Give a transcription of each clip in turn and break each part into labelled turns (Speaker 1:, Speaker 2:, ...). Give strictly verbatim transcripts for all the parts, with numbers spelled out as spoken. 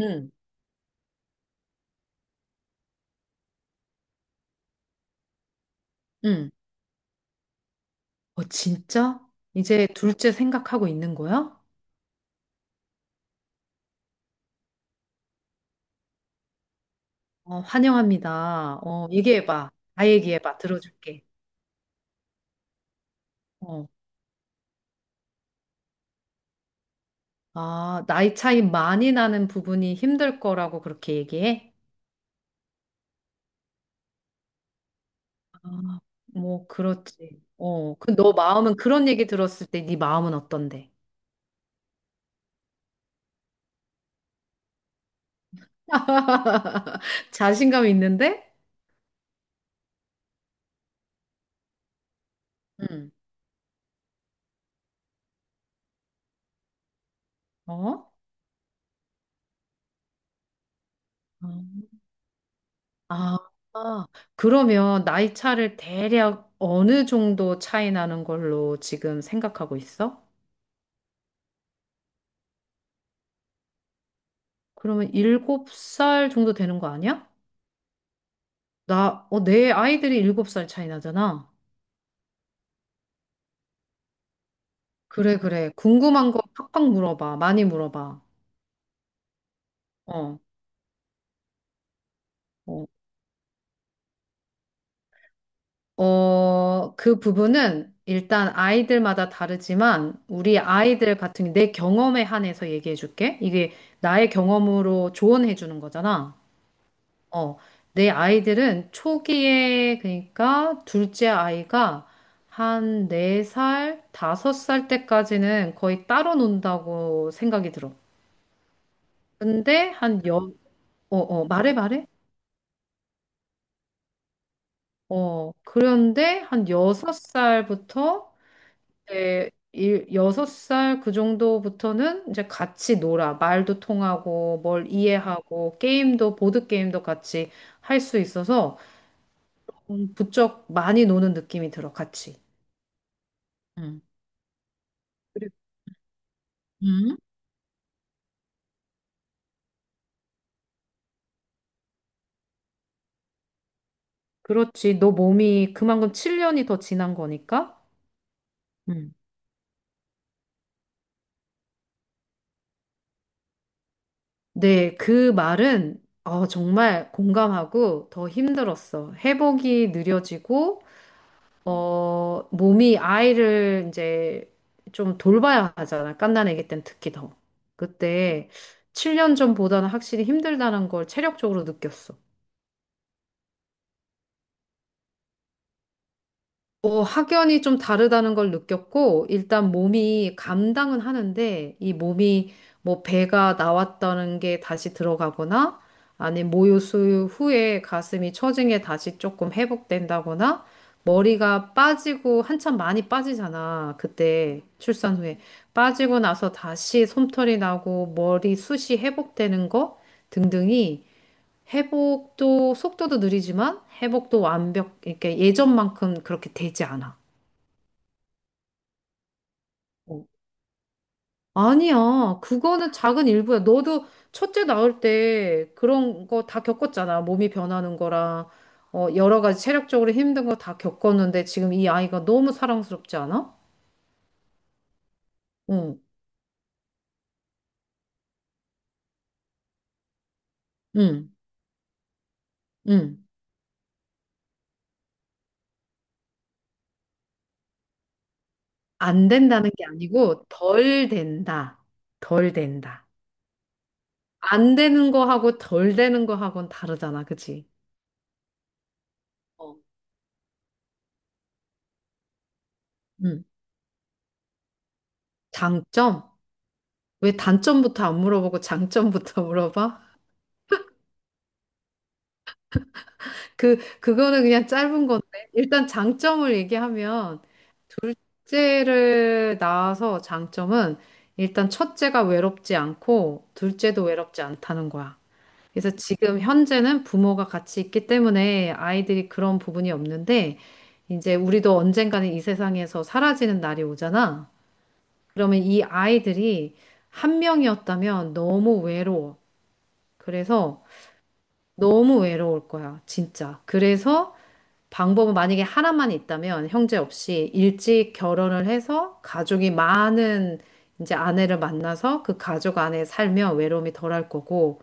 Speaker 1: 응, 응. 어, 진짜? 이제 둘째 생각하고 있는 거야? 어, 환영합니다. 어, 얘기해봐. 다 얘기해봐. 들어줄게. 어. 아, 나이 차이 많이 나는 부분이 힘들 거라고 그렇게 얘기해? 아, 뭐, 그렇지. 어, 그 너 마음은 그런 얘기 들었을 때 네 마음은 어떤데? 자신감 있는데? 응. 어? 어? 아, 아. 그러면 나이 차를 대략 어느 정도 차이 나는 걸로 지금 생각하고 있어? 그러면 일곱 살 정도 되는 거 아니야? 나, 어, 내 아이들이 일곱 살 차이 나잖아. 그래, 그래. 궁금한 거 팍팍 물어봐. 많이 물어봐. 어, 어. 어, 그 부분은 일단 아이들마다 다르지만 우리 아이들 같은 내 경험에 한해서 얘기해 줄게. 이게 나의 경험으로 조언해 주는 거잖아. 어, 내 아이들은 초기에, 그러니까 둘째 아이가 한 네살 다섯 살 때까지는 거의 따로 논다고 생각이 들어. 근데 한 여, 어, 어, 말해, 말해. 어, 그런데 한 여섯 살부터 이제 일- 여섯 살 그 정도부터는 이제 같이 놀아. 말도 통하고, 뭘 이해하고, 게임도, 보드게임도 같이 할 수 있어서 음, 부쩍 많이 노는 느낌이 들어, 같이. 음. 그리- 음. 그렇지. 너 몸이 그만큼 칠 년이 더 지난 거니까. 음. 네, 그 말은 어, 정말 공감하고 더 힘들었어. 회복이 느려지고, 어, 몸이 아이를 이제 좀 돌봐야 하잖아. 갓난아기 땐 특히 더. 그때 칠 년 전보다는 확실히 힘들다는 걸 체력적으로 느꼈어. 어, 확연히 좀 다르다는 걸 느꼈고, 일단 몸이 감당은 하는데, 이 몸이 뭐 배가 나왔다는 게 다시 들어가거나, 아니, 모유수유 후에 가슴이 처진게 다시 조금 회복된다거나, 머리가 빠지고, 한참 많이 빠지잖아. 그때 출산 후에. 빠지고 나서 다시 솜털이 나고, 머리 숱이 회복되는 거 등등이 회복도 속도도 느리지만 회복도 완벽, 이렇게 예전만큼 그렇게 되지 않아. 어. 아니야. 그거는 작은 일부야. 너도 첫째 나올 때 그런 거 다 겪었잖아. 몸이 변하는 거랑 어, 여러 가지 체력적으로 힘든 거 다 겪었는데 지금 이 아이가 너무 사랑스럽지 않아? 응, 응, 응. 안 된다는 게 아니고 덜 된다. 덜 된다. 안 되는 거하고 덜 되는 거하고는 다르잖아. 그치? 어. 응. 장점? 왜 단점부터 안 물어보고 장점부터 물어봐? 그, 그거는 그냥 짧은 건데. 일단 장점을 얘기하면, 둘째를 낳아서 장점은 일단 첫째가 외롭지 않고, 둘째도 외롭지 않다는 거야. 그래서 지금 현재는 부모가 같이 있기 때문에 아이들이 그런 부분이 없는데, 이제 우리도 언젠가는 이 세상에서 사라지는 날이 오잖아. 그러면 이 아이들이 한 명이었다면 너무 외로워. 그래서 너무 외로울 거야, 진짜. 그래서 방법은 만약에 하나만 있다면 형제 없이 일찍 결혼을 해서 가족이 많은 이제 아내를 만나서 그 가족 안에 살면 외로움이 덜할 거고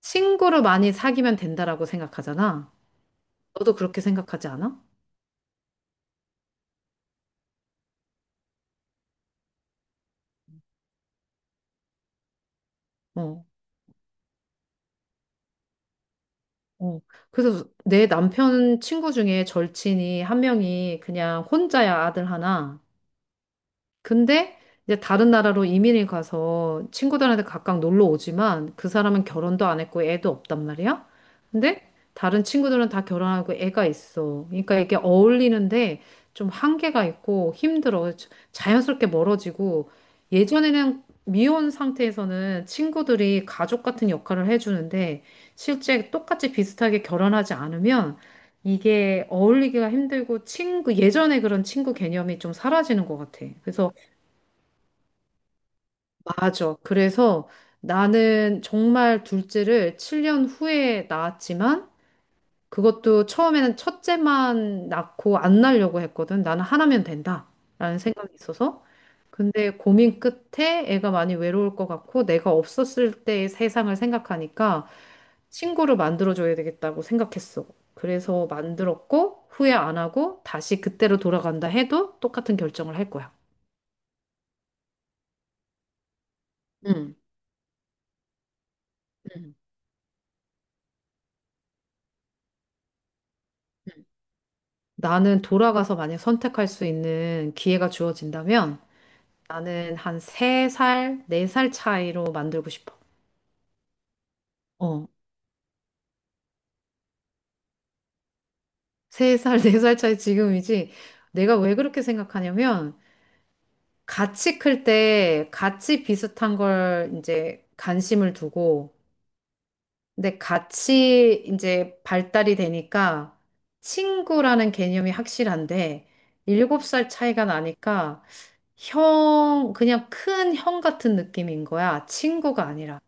Speaker 1: 친구를 많이 사귀면 된다라고 생각하잖아. 너도 그렇게 생각하지 않아? 어. 어. 그래서 내 남편 친구 중에 절친이 한 명이 그냥 혼자야 아들 하나. 근데 이제 다른 나라로 이민을 가서 친구들한테 각각 놀러 오지만 그 사람은 결혼도 안 했고 애도 없단 말이야. 근데 다른 친구들은 다 결혼하고 애가 있어. 그러니까 이게 어울리는데 좀 한계가 있고 힘들어. 자연스럽게 멀어지고 예전에는 미혼 상태에서는 친구들이 가족 같은 역할을 해주는데 실제 똑같이 비슷하게 결혼하지 않으면 이게 어울리기가 힘들고 친구, 예전에 그런 친구 개념이 좀 사라지는 것 같아. 그래서 맞아. 그래서 나는 정말 둘째를 칠 년 후에 낳았지만 그것도 처음에는 첫째만 낳고 안 낳으려고 했거든. 나는 하나면 된다. 라는 생각이 있어서. 근데 고민 끝에 애가 많이 외로울 것 같고 내가 없었을 때의 세상을 생각하니까 친구를 만들어줘야 되겠다고 생각했어. 그래서 만들었고 후회 안 하고 다시 그때로 돌아간다 해도 똑같은 결정을 할 거야. 응. 응. 나는 돌아가서 만약 선택할 수 있는 기회가 주어진다면 나는 한 세 살, 네 살 차이로 만들고 싶어. 어, 세 살, 네 살 차이 지금이지. 내가 왜 그렇게 생각하냐면 같이 클 때 같이 비슷한 걸 이제 관심을 두고 근데 같이 이제 발달이 되니까 친구라는 개념이 확실한데 일곱 살 차이가 나니까 형, 그냥 큰 형 같은 느낌인 거야. 친구가 아니라.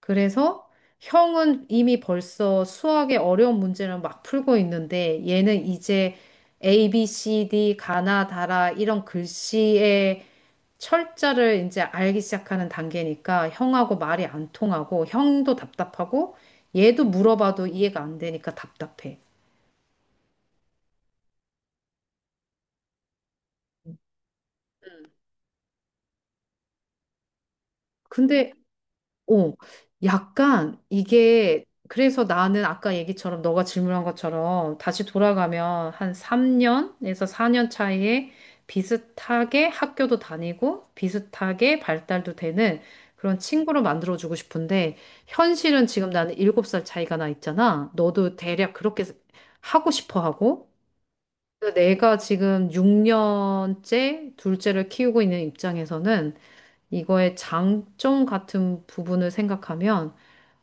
Speaker 1: 그래서 형은 이미 벌써 수학의 어려운 문제를 막 풀고 있는데 얘는 이제 에이, 비, 씨, 디, 가나, 다라 이런 글씨의 철자를 이제 알기 시작하는 단계니까 형하고 말이 안 통하고 형도 답답하고 얘도 물어봐도 이해가 안 되니까 답답해. 근데 어, 약간 이게 그래서 나는 아까 얘기처럼 너가 질문한 것처럼 다시 돌아가면 한 삼 년에서 사 년 차이에 비슷하게 학교도 다니고 비슷하게 발달도 되는 그런 친구로 만들어주고 싶은데 현실은 지금 나는 일곱 살 차이가 나 있잖아. 너도 대략 그렇게 하고 싶어 하고 그래서 내가 지금 육 년째 둘째를 키우고 있는 입장에서는 이거의 장점 같은 부분을 생각하면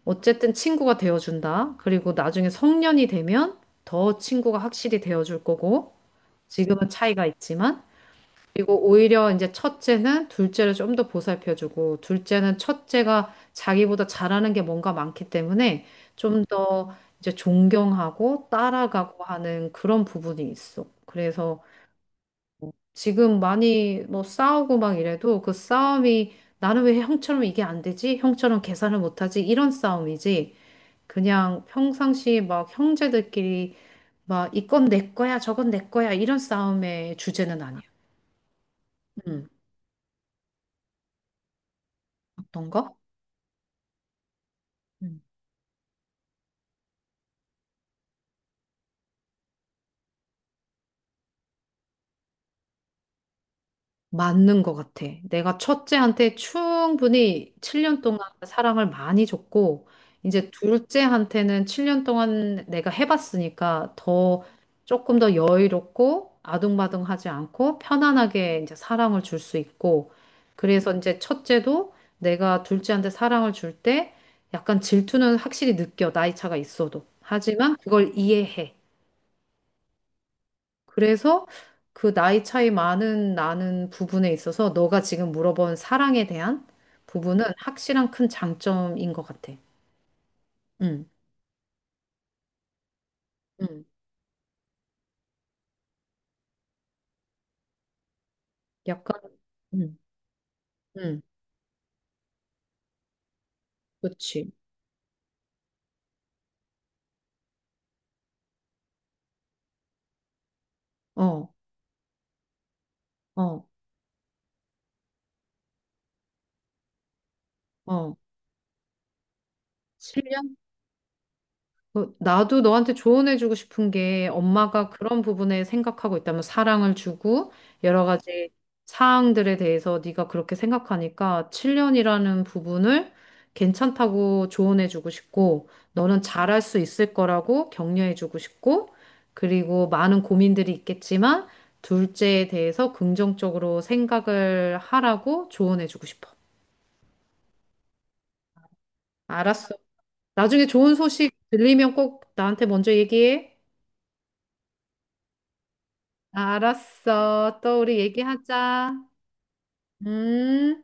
Speaker 1: 어쨌든 친구가 되어준다. 그리고 나중에 성년이 되면 더 친구가 확실히 되어줄 거고, 지금은 차이가 있지만, 그리고 오히려 이제 첫째는 둘째를 좀 더 보살펴주고, 둘째는 첫째가 자기보다 잘하는 게 뭔가 많기 때문에 좀 더 이제 존경하고 따라가고 하는 그런 부분이 있어. 그래서 지금 많이 뭐 싸우고 막 이래도 그 싸움이 나는 왜 형처럼 이게 안 되지? 형처럼 계산을 못하지? 이런 싸움이지. 그냥 평상시 막 형제들끼리 막 이건 내 거야, 저건 내 거야 이런 싸움의 주제는 아니야. 음, 어떤가? 응. 맞는 것 같아. 내가 첫째한테 충분히 칠 년 동안 사랑을 많이 줬고, 이제 둘째한테는 칠 년 동안 내가 해봤으니까 더 조금 더 여유롭고 아둥바둥하지 않고 편안하게 이제 사랑을 줄 수 있고, 그래서 이제 첫째도 내가 둘째한테 사랑을 줄 때 약간 질투는 확실히 느껴, 나이 차가 있어도. 하지만 그걸 이해해. 그래서 그 나이 차이 많은 나는 부분에 있어서 너가 지금 물어본 사랑에 대한 부분은 확실한 큰 장점인 것 같아. 응, 응. 약간, 응, 응. 그치. 어, 어, 어. 칠년 어, 나도 너한테 조언해주고 싶은 게 엄마가 그런 부분에 생각하고 있다면 사랑을 주고 여러 가지 사항들에 대해서 네가 그렇게 생각하니까 칠 년이라는 부분을 괜찮다고 조언해주고 싶고 너는 잘할 수 있을 거라고 격려해주고 싶고 그리고 많은 고민들이 있겠지만 둘째에 대해서 긍정적으로 생각을 하라고 조언해주고 싶어. 알았어. 나중에 좋은 소식 들리면 꼭 나한테 먼저 얘기해. 알았어. 또 우리 얘기하자. 음.